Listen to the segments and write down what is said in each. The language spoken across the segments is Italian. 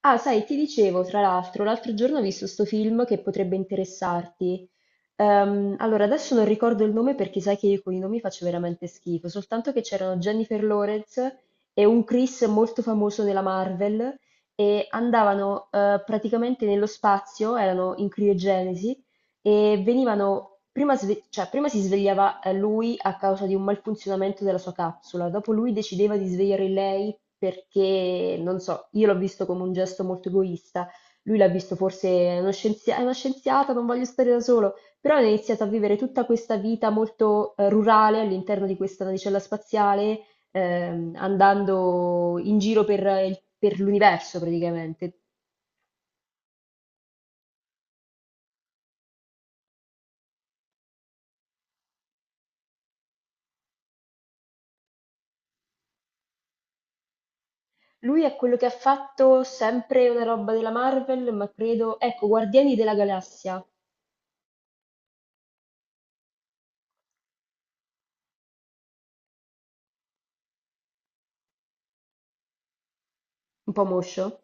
Ah, sai, ti dicevo, tra l'altro, l'altro giorno ho visto sto film che potrebbe interessarti. Allora, adesso non ricordo il nome perché sai che io con i nomi faccio veramente schifo, soltanto che c'erano Jennifer Lawrence e un Chris molto famoso della Marvel e andavano praticamente nello spazio, erano in criogenesi e venivano, prima, cioè, prima si svegliava lui a causa di un malfunzionamento della sua capsula, dopo lui decideva di svegliare lei perché, non so, io l'ho visto come un gesto molto egoista, lui l'ha visto forse "È è una scienziata, non voglio stare da solo", però ha iniziato a vivere tutta questa vita molto rurale all'interno di questa navicella spaziale, andando in giro per, per l'universo praticamente. Lui è quello che ha fatto sempre una roba della Marvel, ma credo... Ecco, Guardiani della Galassia, un po' moscio.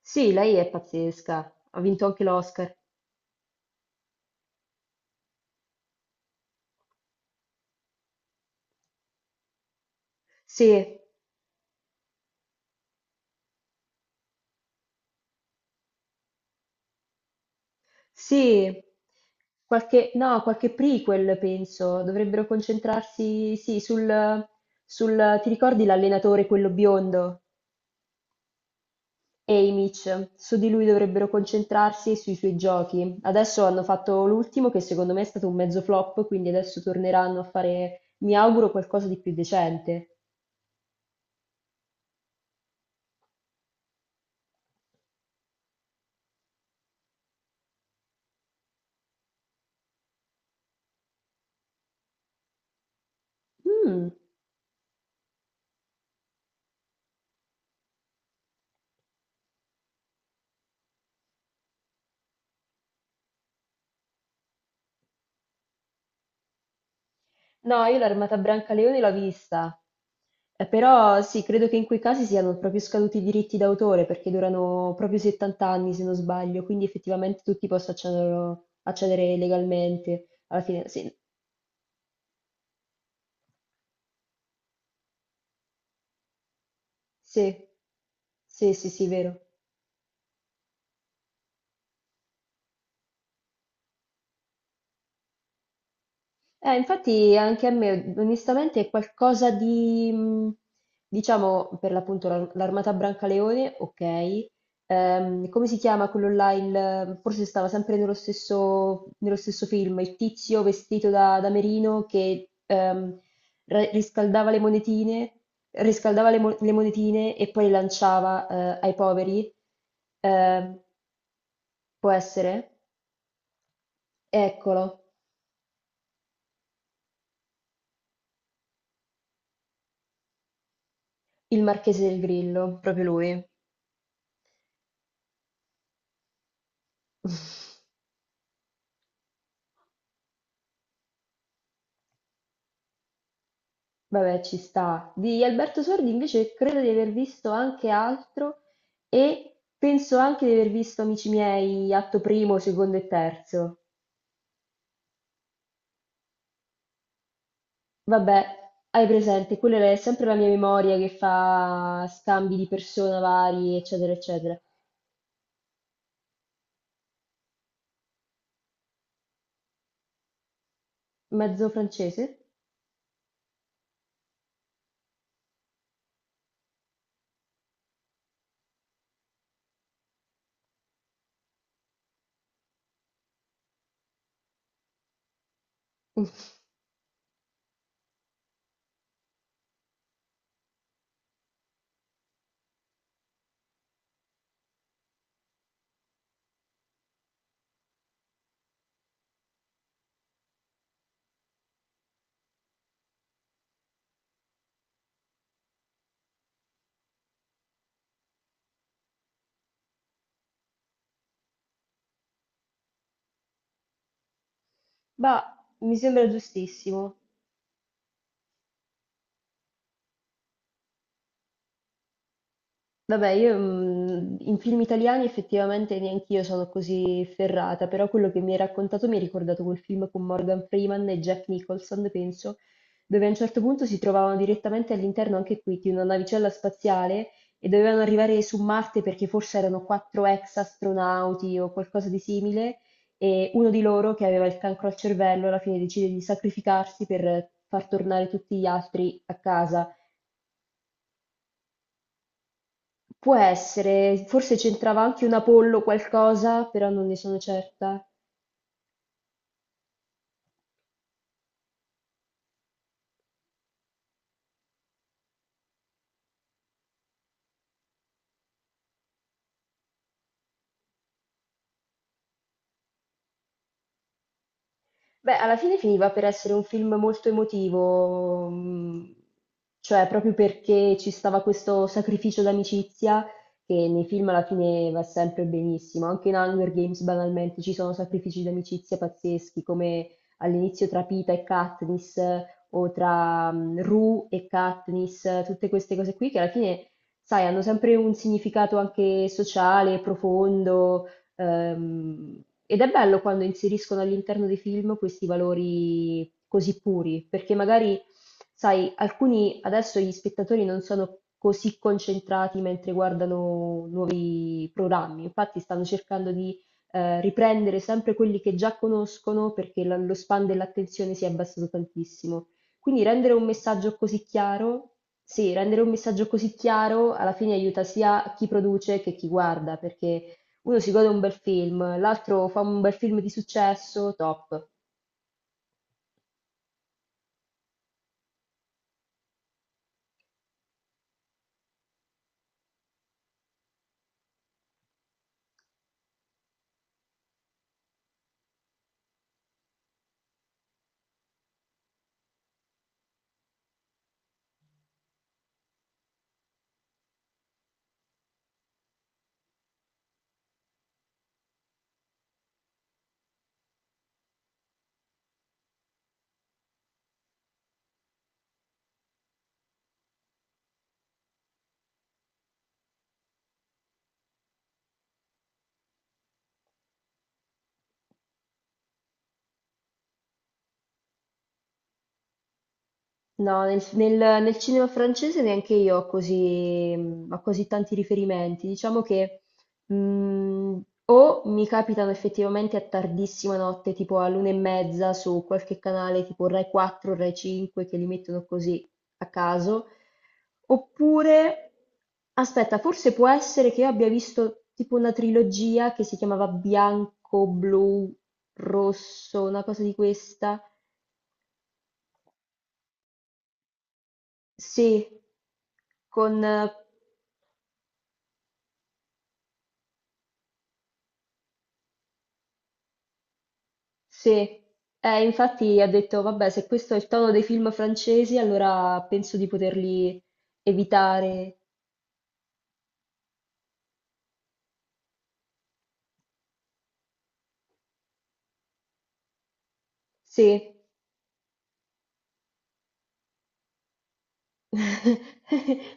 Sì, lei è pazzesca, ha vinto anche l'Oscar. Sì, sì, qualche... no, qualche prequel penso, dovrebbero concentrarsi, sì, sul... sul... Ti ricordi l'allenatore, quello biondo? Haymitch, su di lui dovrebbero concentrarsi e sui suoi giochi. Adesso hanno fatto l'ultimo che secondo me è stato un mezzo flop, quindi adesso torneranno a fare, mi auguro, qualcosa di più decente. Mm. No, io l'Armata Brancaleone l'ho vista. Però sì, credo che in quei casi siano proprio scaduti i diritti d'autore perché durano proprio 70 anni se non sbaglio, quindi effettivamente tutti possono accedere legalmente alla fine. Sì, sì, sì, sì, sì, vero. Infatti anche a me, onestamente, è qualcosa di, diciamo, per l'appunto l'Armata Brancaleone, ok. Come si chiama quello là? Forse stava sempre nello stesso film, il tizio vestito da, da merino che riscaldava le monetine, riscaldava le, le monetine e poi le lanciava ai poveri. Ehm, Può essere? Eccolo, il Marchese del Grillo, proprio lui. Vabbè, ci sta. Di Alberto Sordi invece credo di aver visto anche altro e penso anche di aver visto, amici miei, atto primo, secondo e terzo. Vabbè, hai presente, quella è sempre la mia memoria che fa scambi di persona vari, eccetera, eccetera. Mezzo francese? Bah, mi sembra giustissimo. Vabbè, io in film italiani effettivamente neanch'io sono così ferrata, però quello che mi hai raccontato mi ha ricordato quel film con Morgan Freeman e Jack Nicholson, penso, dove a un certo punto si trovavano direttamente all'interno anche qui di una navicella spaziale e dovevano arrivare su Marte perché forse erano quattro ex astronauti o qualcosa di simile e uno di loro che aveva il cancro al cervello alla fine decide di sacrificarsi per far tornare tutti gli altri a casa. Può essere, forse c'entrava anche un Apollo qualcosa, però non ne sono certa. Beh, alla fine finiva per essere un film molto emotivo, cioè proprio perché ci stava questo sacrificio d'amicizia che nei film alla fine va sempre benissimo. Anche in Hunger Games banalmente ci sono sacrifici d'amicizia pazzeschi, come all'inizio tra Pita e Katniss o tra Rue e Katniss, tutte queste cose qui che alla fine, sai, hanno sempre un significato anche sociale, profondo. Ed è bello quando inseriscono all'interno dei film questi valori così puri, perché magari, sai, alcuni adesso gli spettatori non sono così concentrati mentre guardano nuovi programmi, infatti stanno cercando di riprendere sempre quelli che già conoscono perché lo span dell'attenzione si è abbassato tantissimo. Quindi rendere un messaggio così chiaro, sì, rendere un messaggio così chiaro alla fine aiuta sia chi produce che chi guarda, perché uno si gode un bel film, l'altro fa un bel film di successo, top. No, nel cinema francese neanche io ho così, mm, ho così tanti riferimenti. Diciamo che mh, o mi capitano effettivamente a tardissima notte, tipo all'una e mezza su qualche canale tipo Rai 4, Rai 5, che li mettono così a caso, oppure, aspetta, forse può essere che io abbia visto tipo una trilogia che si chiamava Bianco, Blu, Rosso, una cosa di questa. Sì, con sì, infatti ha detto, vabbè, se questo è il tono dei film francesi, allora penso di poterli evitare. Sì,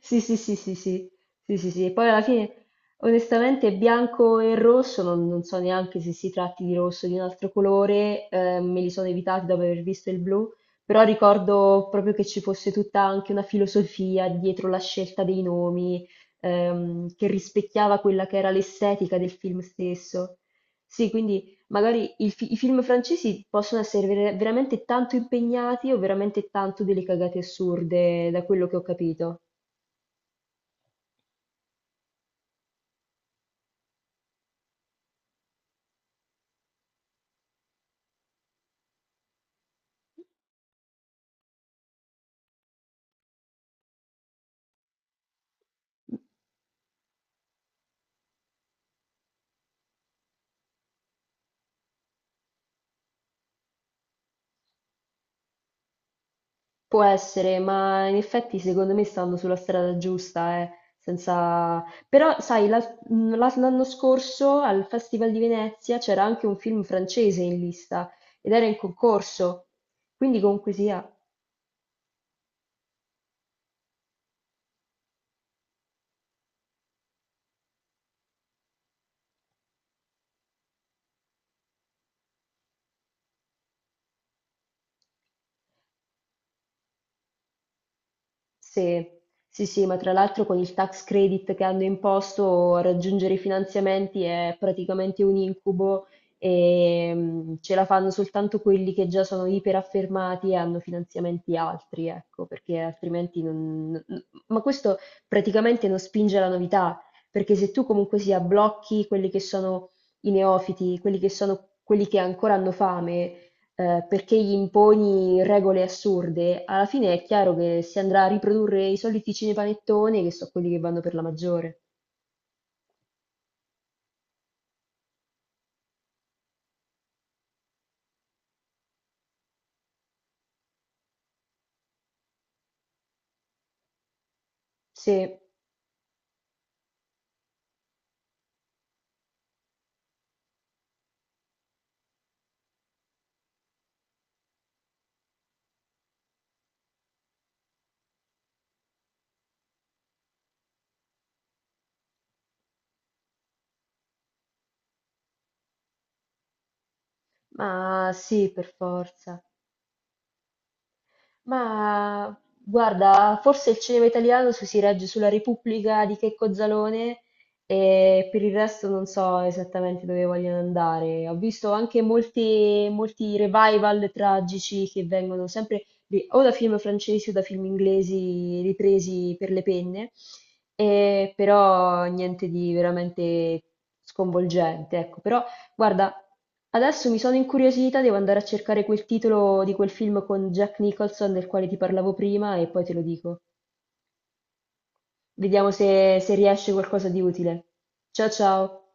sì, sì, sì, sì, sì, sì, sì, sì. E poi alla fine, onestamente, bianco e rosso, non, non so neanche se si tratti di rosso o di un altro colore, me li sono evitati dopo aver visto il blu, però ricordo proprio che ci fosse tutta anche una filosofia dietro la scelta dei nomi, che rispecchiava quella che era l'estetica del film stesso. Sì, quindi magari i film francesi possono essere veramente tanto impegnati o veramente tanto delle cagate assurde, da quello che ho capito. Può essere, ma in effetti secondo me stanno sulla strada giusta, senza... Però, sai, l'anno scorso al Festival di Venezia c'era anche un film francese in lista ed era in concorso, quindi comunque sia. Sì, sì, sì, ma tra l'altro con il tax credit che hanno imposto raggiungere i finanziamenti è praticamente un incubo e ce la fanno soltanto quelli che già sono iperaffermati e hanno finanziamenti altri, ecco, perché altrimenti non... Ma questo praticamente non spinge alla novità, perché se tu comunque sia blocchi quelli che sono i neofiti, quelli che sono quelli che ancora hanno fame perché gli imponi regole assurde, alla fine è chiaro che si andrà a riprodurre i soliti cinepanettoni che sono quelli che vanno per la maggiore. Sì, ma sì, per forza. Ma guarda, forse il cinema italiano si regge sulla Repubblica di Checco Zalone e per il resto non so esattamente dove vogliono andare. Ho visto anche molti, molti revival tragici che vengono sempre o da film francesi o da film inglesi ripresi per le penne, e però niente di veramente sconvolgente, ecco. Però guarda, adesso mi sono incuriosita, devo andare a cercare quel titolo di quel film con Jack Nicholson del quale ti parlavo prima e poi te lo dico. Vediamo se, se riesce qualcosa di utile. Ciao ciao!